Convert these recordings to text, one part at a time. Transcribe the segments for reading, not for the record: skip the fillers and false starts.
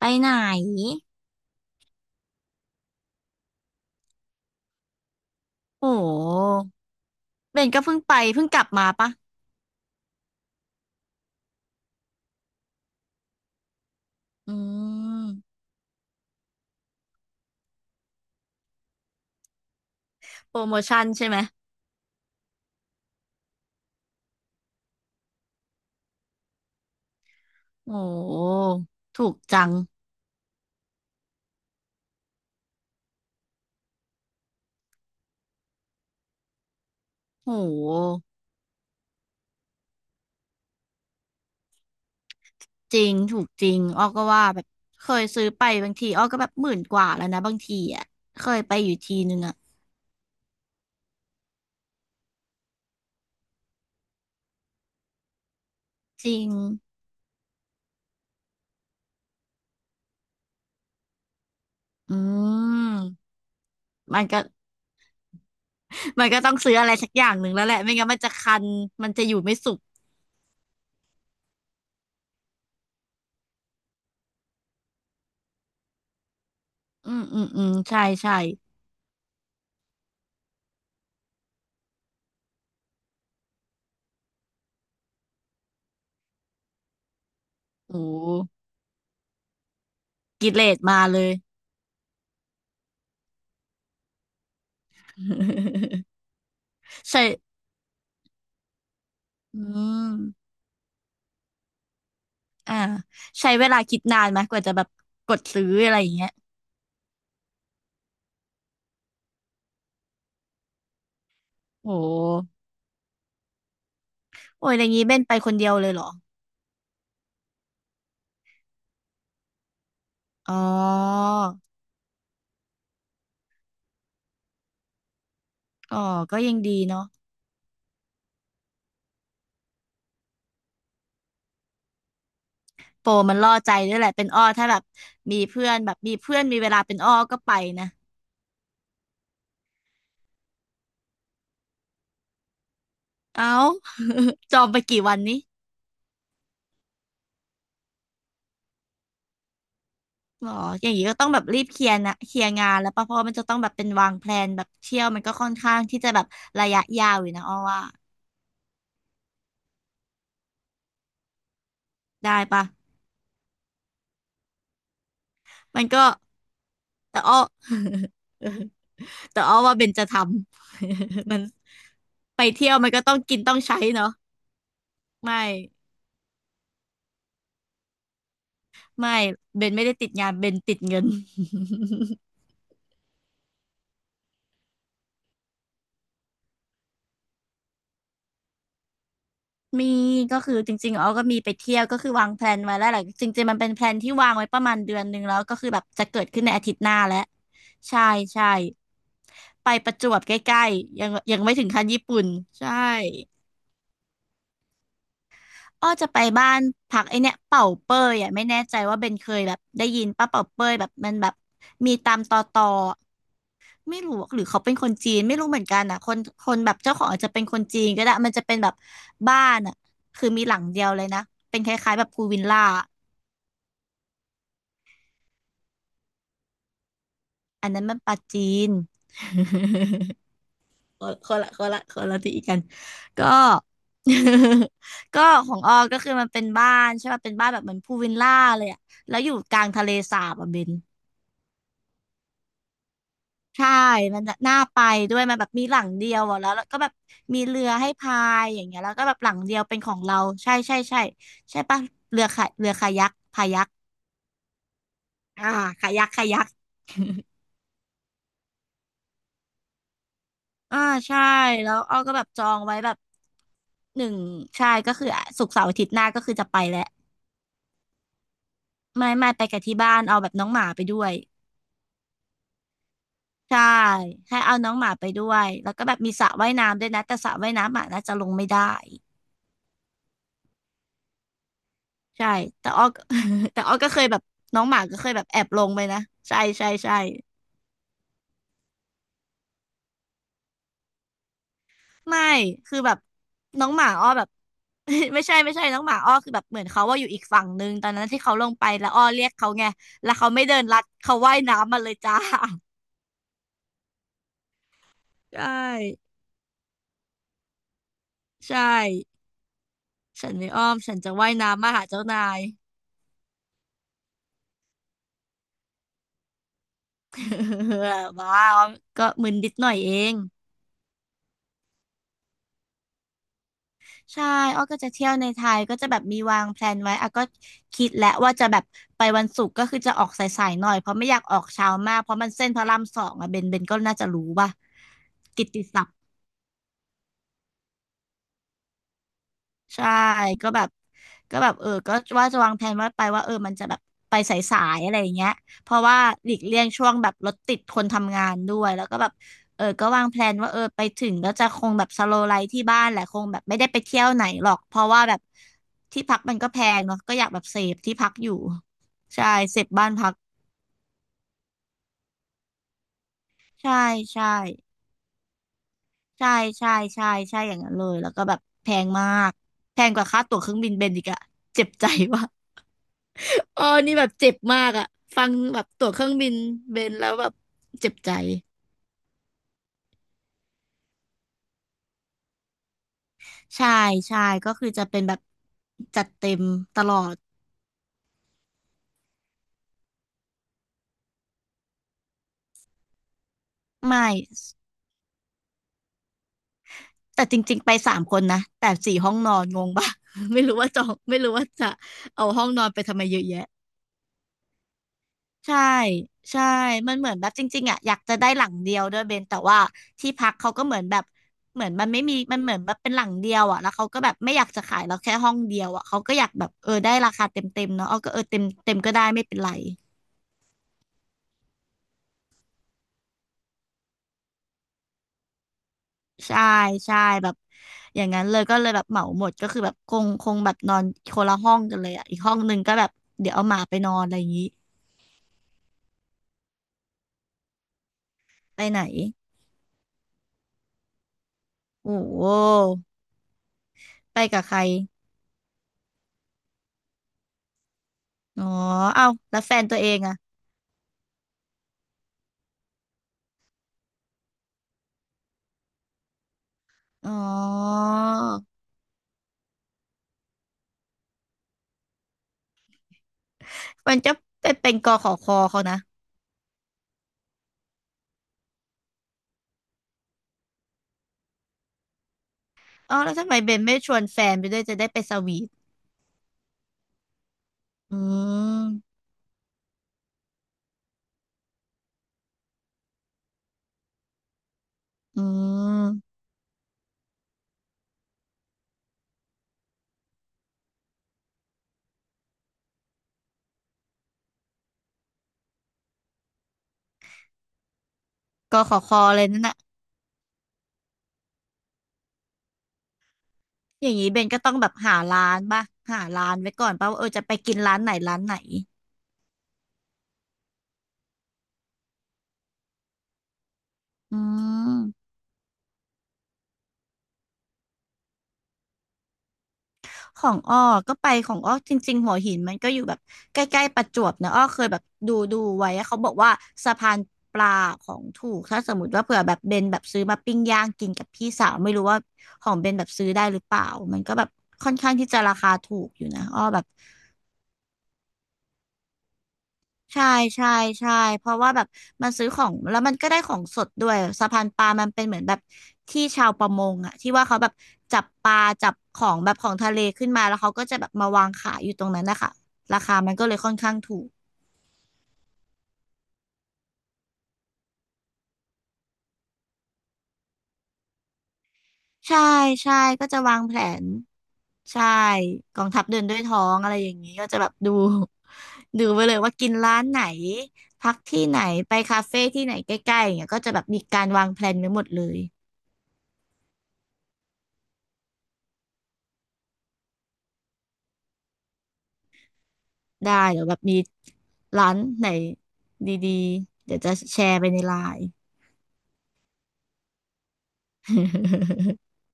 ไปไหน โอ้เบนก็เพิ่งไปเพิ่งกลับมาปะอืมโปรโมชั่นใช่ไหมโอ้ถูกจัง โอ้ จริงถูกจริงอ้อก็ว่าแบบเคยซื้อไปบางทีอ้อก็แบบหมื่นกว่าแล้วนะบางทีอ่ะเคยไปอยู่ทีนึงอ่ะจริงอืมมันก็มันก็ต้องซื้ออะไรสักอย่างหนึ่งแล้วแหละไม่งั้นมันจะคันมันจะอยู่ไม่สุขอืมอืมอืมใช่ใช่โอ้กิเลสมาเลย ใช่ อืมอ่าใช้เวลาคิดนานไหมกว่าจะแบบกดซื้ออะไรอย่างเงี้ยโอ้โอ้ยอย่างงี้เบนไปคนเดียวเลยเหรออ๋ออ๋อก็ยังดีเนาะโปรมันล่อใจด้วยแหละเป็นอ้อถ้าแบบมีเพื่อนแบบมีเพื่อนมีเวลาเป็นอ้อก็ไปนะเอ้า จองไปกี่วันนี้หรออย่างงี้ก็ต้องแบบรีบเคลียร์นะเคลียร์งานแล้วปะเพราะว่ามันจะต้องแบบเป็นวางแพลนแบบเที่ยวมันก็ค่อนข้างที่จะแบบระยะยาวอยู่นะอ้อว่าได้ปะ มันก็แต่อ้อ แต่อ้อว่าเบนจะทำ มันไปเที่ยวมันก็ต้องกินต้องใช้เนาะไม่ไม่เบนไม่ได้ติดงานเบนติดเงิน มีก็คือจริงๆอ้อก็มีไปเที่ยวก็คือวางแพลนไว้แล้วแหละจริงๆมันเป็นแพลนที่วางไว้ประมาณเดือนหนึ่งแล้วก็คือแบบจะเกิดขึ้นในอาทิตย์หน้าแล้วใช่ใช่ไปประจวบใกล้ๆยังไม่ถึงขั้นญี่ปุ่นใช่ อ้อจะไปบ้านพักไอเนี่ยเป่าเป้ยอ่ะไม่แน่ใจว่าเบนเคยแบบได้ยินป้าเป่าเป้ยแบบมันแบบมีตามตอตอไม่รู้หรือเขาเป็นคนจีนไม่รู้เหมือนกันอ่ะคนแบบเจ้าของอาจจะเป็นคนจีนก็ได้มันจะเป็นแบบบ้านอ่ะคือมีหลังเดียวเลยนะเป็นคล้ายๆแบบพูลวิลล่าอันนั้นมันปาจีน คนคนละที่กันก็ ก็ของออก็คือมันเป็นบ้านใช่ป่ะเป็นบ้านแบบเหมือนพูลวิลล่าเลยอ่ะแล้วอยู่กลางทะเลสาบอ่ะเบน ใช่มันน่ะน่าไปด้วยมันแบบมีหลังเดียวอะแล้วก็แบบมีเรือให้พายอย่างเงี้ยแล้วก็แบบหลังเดียวเป็นของเราใช่ใช่ใช่ใช่ปะเรือคายักพายักอ่าคายักคายักอ่าใช่แล้วอ้อก็แบบจองไว้แบบหนึ่งใช่ก็คือศุกร์เสาร์อาทิตย์หน้าก็คือจะไปแล้วไม่ไม่ไปกับที่บ้านเอาแบบน้องหมาไปด้วยใช่ให้เอาน้องหมาไปด้วยแล้วก็แบบมีสระว่ายน้ำด้วยนะแต่สระว่ายน้ำหมาน่าจะลงไม่ได้ ใช่ แต่อ้อก็ แต่อ้อก็เคยแบบน้องหมาก็เคยแบบแอบลงไปนะ ใช่ใช่ใช่ไม่ คือแบบน้องหมาอ้อแบบ ไม่ใช่ไม่ใช่น้องหมาอ้อคือแบบเหมือนเขาว่าอยู่อีกฝั่งนึงตอนนั้นที่เขาลงไปแล้วอ้อเรียกเขาไงแล้วเขาไม่เดินลัดเขาว่ายน้ำมาเลยจ้า ใช่ใช่ฉันไม่อ้อมฉันจะว่ายน้ำมาหาเจ้านาย บ้าอ้อมก็มึนนิดหน่อยเอง ใช่อ้อก็จะเที่ยวในไทยก็จะแบบมีวางแพลนไว้อ่ะก็คิดแล้วว่าจะแบบไปวันศุกร์ก็คือจะออกสายๆหน่อยเพราะไม่อยากออกเช้ามากเพราะมันเส้นพระราม2อ่ะเบนก็น่าจะรู้ป่ะกิตติศัพท์ ใช่ก็แบบก็แบบเออก็ว่าจะวางแผนว่าไปว่าเออมันจะแบบไปสายๆอะไรอย่างเงี้ยเพราะว่าหลีกเลี่ยงช่วงแบบรถติดคนทำงานด้วยแล้วก็แบบเออก็วางแพลนว่าเออไปถึงก็จะคงแบบสโลว์ไลฟ์ที่บ้านแหละคงแบบไม่ได้ไปเที่ยวไหนหรอกเพราะว่าแบบที่พักมันก็แพงเนาะก็อยากแบบเซฟที่พักอยู่ใช่เซฟบ้านพักใช่ใช่ใช่ใช่ใช่ใช่อย่างนั้นเลยแล้วก็แบบแพงมากแพงกว่าค่าตั๋วเครื่องบินเบนอีกอะเจ็บใจว่ะ เออนี่แบบเจ็บมากอะฟังแบบตั๋วเครื่องบินเบนแล้วแบบเจ็บใจใช่ใช่ก็คือจะเป็นแบบจัดเต็มตลอดไม่แต่จริงๆไป3 คนนะแต่4 ห้องนอนงงปะ ไม่รู้ว่าจองไม่รู้ว่าจะเอาห้องนอนไปทำไมเยอะแยะ ใช่ใช่มันเหมือนแบบจริงๆอ่ะอยากจะได้หลังเดียวด้วยเบนแต่ว่าที่พักเขาก็เหมือนแบบเหมือนมันไม่มีมันเหมือนแบบเป็นหลังเดียวอ่ะแล้วเขาก็แบบไม่อยากจะขายเราแค่ห้องเดียวอ่ะเขาก็อยากแบบได้ราคาเต็มเต็มเนาะเอาก็เต็มเต็มก็ได้ไม่เป็นไรใช่ใช่แบบอย่างนั้นเลยก็เลยแบบเหมาหมดก็คือแบบคงแบบนอนคนละห้องกันเลยอ่ะอีกห้องหนึ่งก็แบบเดี๋ยวเอาหมาไปนอนอะไรอย่างนี้ไปไหนโอ้โหไปกับใครอ๋อเอ้าแล้วแฟนตัวเองอ่ะอ๋อ มันจะไปเป็นกอขอคอเขานะอ๋อแล้วทำไมเบนไม่ชวนแฟนไปด้วยจะได้ไปสวีทอืม อืม กอขอคอเลยนั่นน่ะอย่างนี้เบนก็ต้องแบบหาร้านป่ะหาร้านไว้ก่อนป่ะว่าจะไปกินร้านไหนร้านไหนอืม ของอ้อก็ไปของอ้อจริงๆหัวหินมันก็อยู่แบบใกล้ๆประจวบนะอ้อเคยแบบดูไว้อะเขาบอกว่าสะพานปลาของถูกถ้าสมมติว่าเผื่อแบบเบนแบบซื้อมาปิ้งย่างกินกับพี่สาวไม่รู้ว่าของเบนแบบซื้อได้หรือเปล่ามันก็แบบค่อนข้างที่จะราคาถูกอยู่นะอ้อแบบ ใช่ใช่ใช่เพราะว่าแบบมันซื้อของแล้วมันก็ได้ของสดด้วยสะพานปลามันเป็นเหมือนแบบที่ชาวประมงอะที่ว่าเขาแบบจับปลาจับของแบบของทะเลขึ้นมาแล้วเขาก็จะแบบมาวางขายอยู่ตรงนั้นนะคะราคามันก็เลยค่อนข้างถูกใช่ใช่ก็จะวางแผนใช่กองทัพเดินด้วยท้องอะไรอย่างนี้ก็จะแบบดู ดูไปเลยว่ากินร้านไหนพักที่ไหนไปคาเฟ่ที่ไหนใกล้ๆอย่างเงี้ยก็จะแบบมีการวางแผนไว้หมดเลย ได้เดี๋ยวแบบมีร้านไหนดีๆเดี๋ยวจะแชร์ไปในไลน์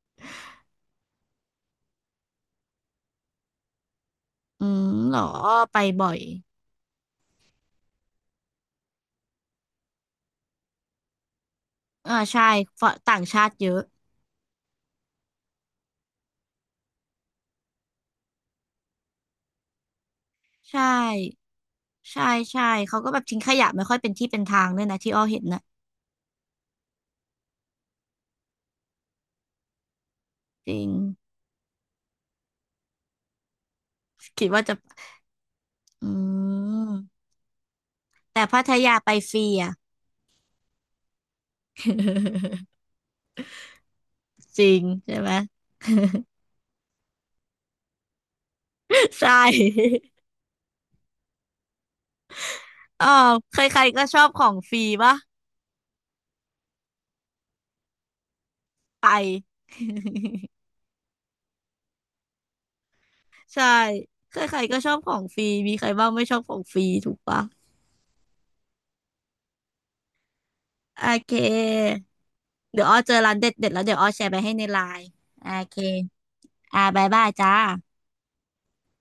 อืมเหรอไปบ่อยอ่าใช่ฝรั่งต่างชาติเยอะใช่ใช่ใช่เขาก็แบบทิ้งขยะไม่ค่อยเป็นที่เป็นทางด้วยนะที่อ้อเห็นนะจริงคิดว่าจะอืมแต่พัทยาไปฟรีอ่ะ จริงใช่ไหม ใช่ อ๋อใครๆก็ชอบของฟรีปะไป ใช่ใครๆก็ชอบของฟรีมีใครบ้างไม่ชอบของฟรีถูกปะโอเคเดี๋ยวอ้อเจอร้านเด็ดเด็ดแล้วเดี๋ยวอ้อแชร์ไปให้ในไลน์โอเคอ่าบายบายจ้า